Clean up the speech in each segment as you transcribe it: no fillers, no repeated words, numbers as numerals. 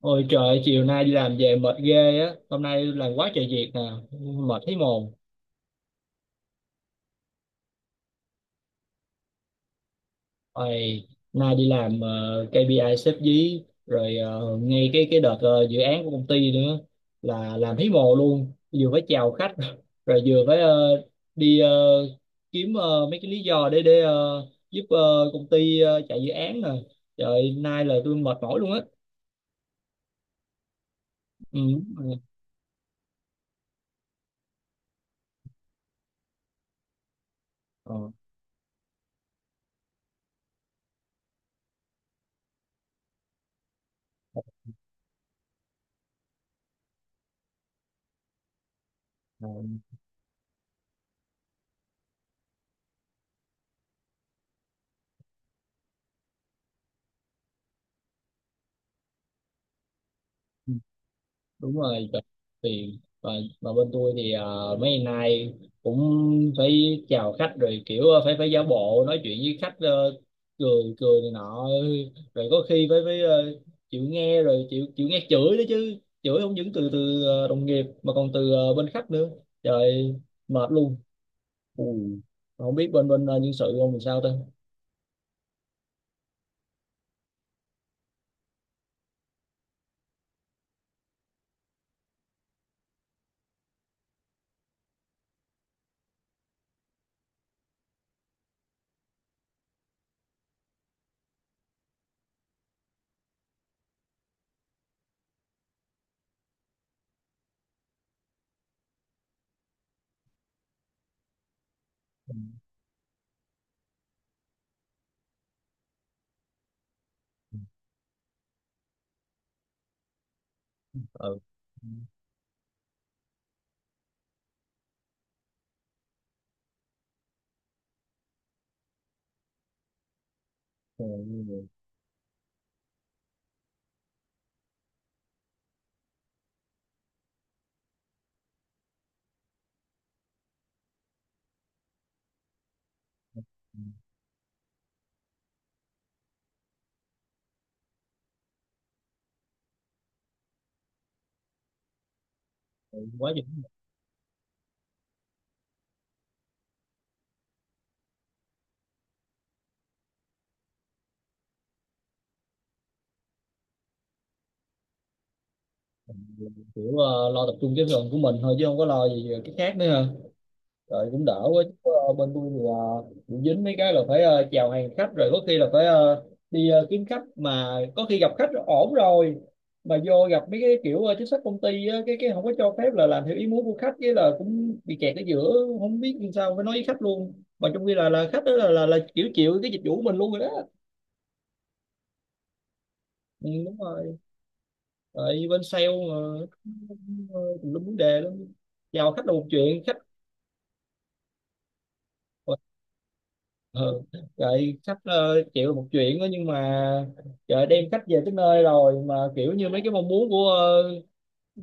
Ôi trời, chiều nay đi làm về mệt ghê á. Hôm nay làm quá trời việc nè. Mệt thấy mồm. Ôi, nay đi làm KPI xếp dí. Rồi ngay cái đợt dự án của công ty nữa. Là làm thấy mồ luôn. Vừa phải chào khách Rồi vừa phải đi kiếm mấy cái lý do để giúp công ty chạy dự án nè. Trời, nay là tôi mệt mỏi luôn á. Ừ. Ờ, ờ. Đúng rồi, chuẩn. Tiền và bên tôi thì mấy ngày nay cũng phải chào khách rồi, kiểu à, phải phải giả bộ nói chuyện với khách cười cười này nọ. Rồi có khi phải phải chịu nghe, rồi chịu chịu nghe chửi đó chứ, chửi không những từ từ đồng nghiệp mà còn từ bên khách nữa. Trời, mệt luôn. Ui, không biết bên bên nhân sự ông làm sao ta. Ừ. Ừ. Ừ. Ừ. Quá trời. Kiểu lo tập trung cái phần của mình thôi chứ không có lo gì cái khác nữa ha. Rồi cũng đỡ quá chứ bên tôi thì bị dính mấy cái là phải chào hàng khách, rồi có khi là phải đi kiếm khách, mà có khi gặp khách ổn rồi, mà vô gặp mấy cái kiểu chính sách công ty á, cái không có cho phép là làm theo ý muốn của khách, cái là cũng bị kẹt ở giữa. Không biết làm sao, phải nói với khách luôn, mà trong khi là khách đó là kiểu chịu cái dịch vụ của mình luôn rồi đó. Ừ, đúng rồi. Tại bên sale mà, cũng tùm lum vấn đề lắm. Chào khách là một chuyện khách. Ừ. Vậy khách chịu một chuyện đó, nhưng mà trời, đem khách về tới nơi rồi mà kiểu như mấy cái mong muốn của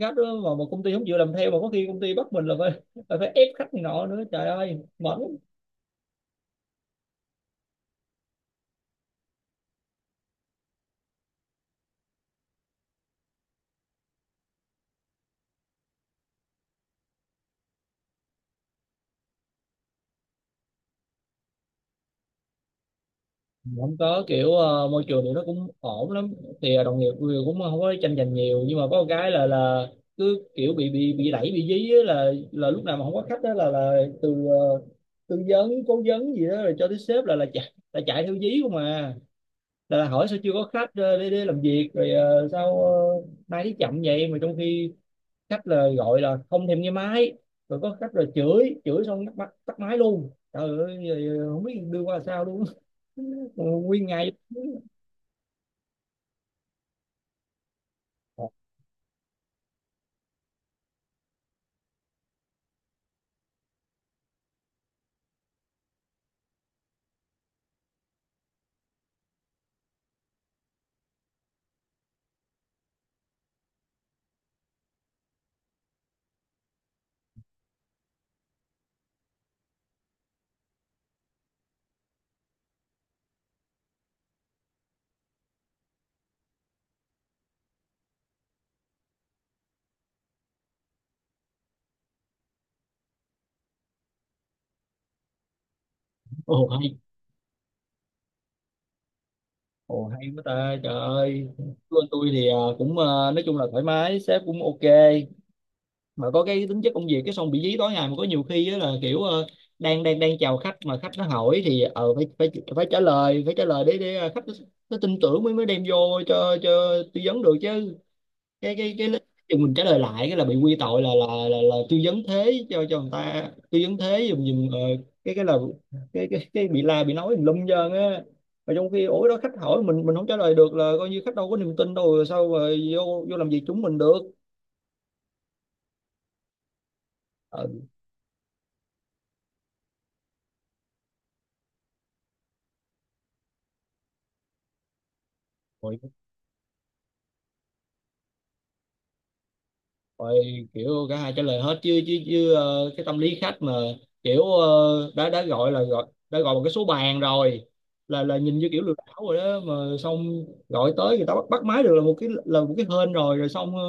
khách đó mà một công ty không chịu làm theo, mà có khi công ty bắt mình là phải ép khách này nọ nữa, trời ơi mệt lắm. Không có, kiểu môi trường thì nó cũng ổn lắm, thì đồng nghiệp thì cũng không có tranh giành nhiều, nhưng mà có một cái là cứ kiểu bị đẩy bị dí á, là lúc nào mà không có khách đó là từ tư vấn cố vấn gì đó rồi cho tới sếp là chạy là chạy theo dí không à, là hỏi sao chưa có khách để làm việc, rồi sao máy đi chậm vậy, mà trong khi khách là gọi là không thèm nghe máy, rồi có khách là chửi chửi xong tắt máy luôn, trời ơi giờ không biết đưa qua sao luôn nguyên ngày. Ồ hay. Ồ hay quá ta, trời ơi. Của anh tôi thì cũng nói chung là thoải mái, sếp cũng ok, mà có cái tính chất công việc cái xong bị dí tối ngày, mà có nhiều khi á là kiểu đang đang đang chào khách mà khách nó hỏi thì phải phải phải trả lời, phải trả lời để khách nó tin tưởng mới mới đem vô cho tư vấn được chứ. Cái lúc mình trả lời lại cái là bị quy tội là tư vấn thế cho người ta, tư vấn thế dùm dùm cái là cái bị la bị nói lum trơn á, mà trong khi ủa đó, khách hỏi mình không trả lời được là coi như khách đâu có niềm tin đâu, rồi sao mà vô vô làm việc chúng mình được. Ờ, rồi rồi kiểu cả hai trả lời hết chứ chứ chứ cái tâm lý khách mà kiểu đã gọi một cái số bàn rồi, là nhìn như kiểu lừa đảo rồi đó, mà xong gọi tới người ta bắt bắt máy được là một cái hên rồi rồi xong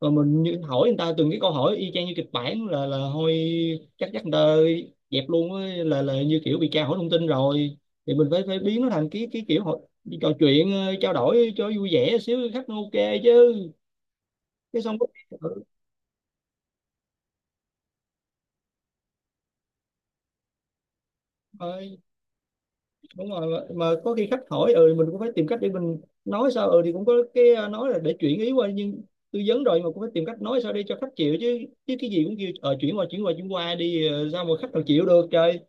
rồi mình như hỏi người ta từng cái câu hỏi y chang như kịch bản là thôi chắc chắc người ta dẹp luôn á, là như kiểu bị tra hỏi thông tin rồi. Thì mình phải phải biến nó thành cái kiểu trò chuyện, trao đổi cho vui vẻ xíu khách nó ok chứ. Cái xong ừ. Rồi. Đúng rồi. Mà có khi khách hỏi ừ, mình cũng phải tìm cách để mình nói sao, ừ thì cũng có cái à, nói là để chuyển ý qua, nhưng tư vấn rồi mà cũng phải tìm cách nói sao để cho khách chịu chứ chứ cái gì cũng kêu chuyển qua chuyển qua chuyển qua đi sao mà khách nào chịu được, trời.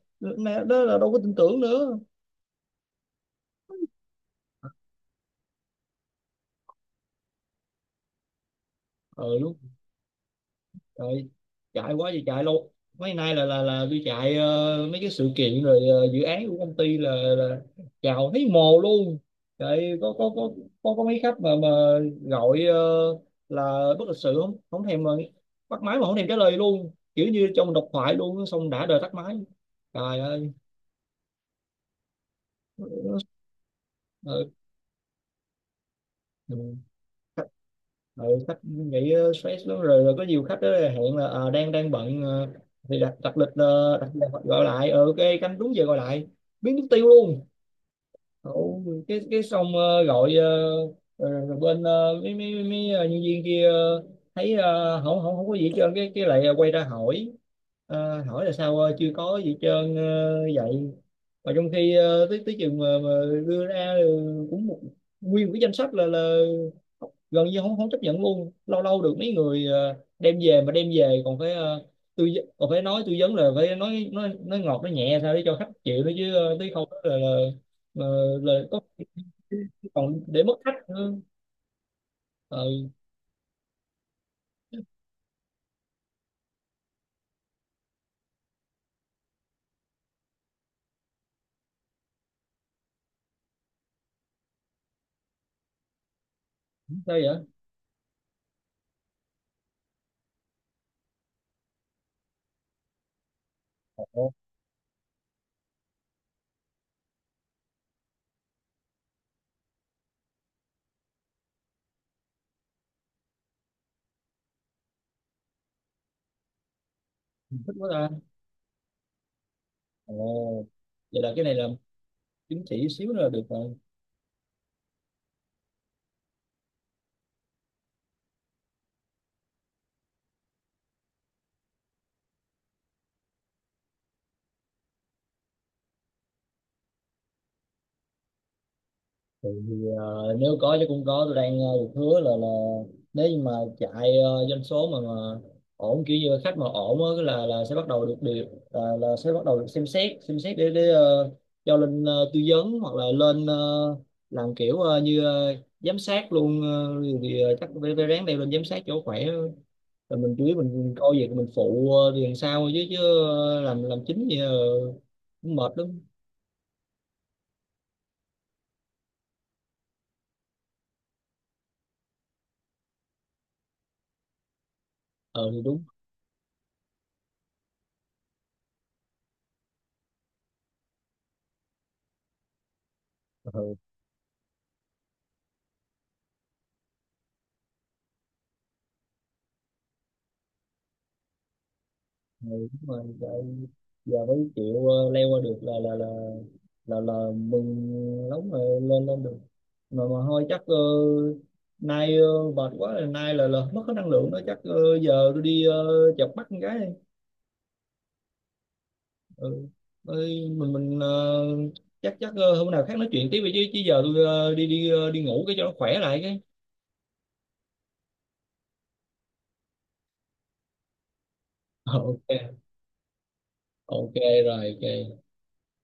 Đó là đâu có tin tưởng nữa. Ừ. Rồi, chạy quá thì chạy luôn. Mấy nay là đi chạy mấy cái sự kiện, rồi dự án của công ty là chào thấy mồ luôn. Chạy có mấy khách mà gọi là bất lịch sự, không thèm mà, bắt máy mà không thèm trả lời luôn, kiểu như trong độc thoại luôn xong đã đời tắt máy. Trời ơi. Ờ. Ừ. Ừ, khách nghĩ stress lắm rồi, rồi có nhiều khách đó là hẹn là đang đang bận thì đặt đặt lịch, đặt gọi lại ok, canh đúng giờ gọi lại biến mất tiêu luôn. Ủa, cái xong gọi rồi bên mấy mấy mấy nhân viên kia thấy không không không có gì hết trơn, cái lại quay ra hỏi. Ờ, hỏi là sao chưa có gì hết trơn vậy, mà trong khi tới tới chừng mà đưa ra cũng nguyên một cái danh sách là gần như không không chấp nhận luôn. Lâu lâu được mấy người đem về, mà đem về còn phải còn phải nói, tư vấn là phải nói nói ngọt nói nhẹ sao để cho khách chịu nữa chứ tới không là mà lời có khi còn để mất khách nữa. ờ Sao vậy? Ồ, thích quá ta. Ồ, vậy là cái này là chứng chỉ xíu nữa là được rồi. Thì nếu có chứ cũng có, tôi đang được hứa là nếu như mà chạy doanh số mà ổn, kiểu như khách mà ổn á, cái là sẽ bắt đầu được điều, là sẽ bắt đầu được xem xét để cho lên tư vấn hoặc là lên làm kiểu như giám sát luôn, thì chắc phải phải ráng đeo lên giám sát chỗ khỏe. Rồi mình chủ yếu mình coi việc mình phụ thì làm sao thôi chứ chứ làm chính thì cũng mệt lắm. Ờ thì đúng. Ờ, ừ, đúng rồi. Tại giờ mới chịu leo qua được là mừng lắm rồi, lên lên được, mà thôi chắc nay mệt quá rồi, nay là mất hết năng lượng đó, chắc giờ tôi đi chợp mắt con gái đi. Ừ. Ơi, mình chắc chắc hôm nào khác nói chuyện tiếp đi chứ chứ giờ tôi đi đi đi ngủ cái cho nó khỏe lại cái Ờ, ok, ok rồi, ok.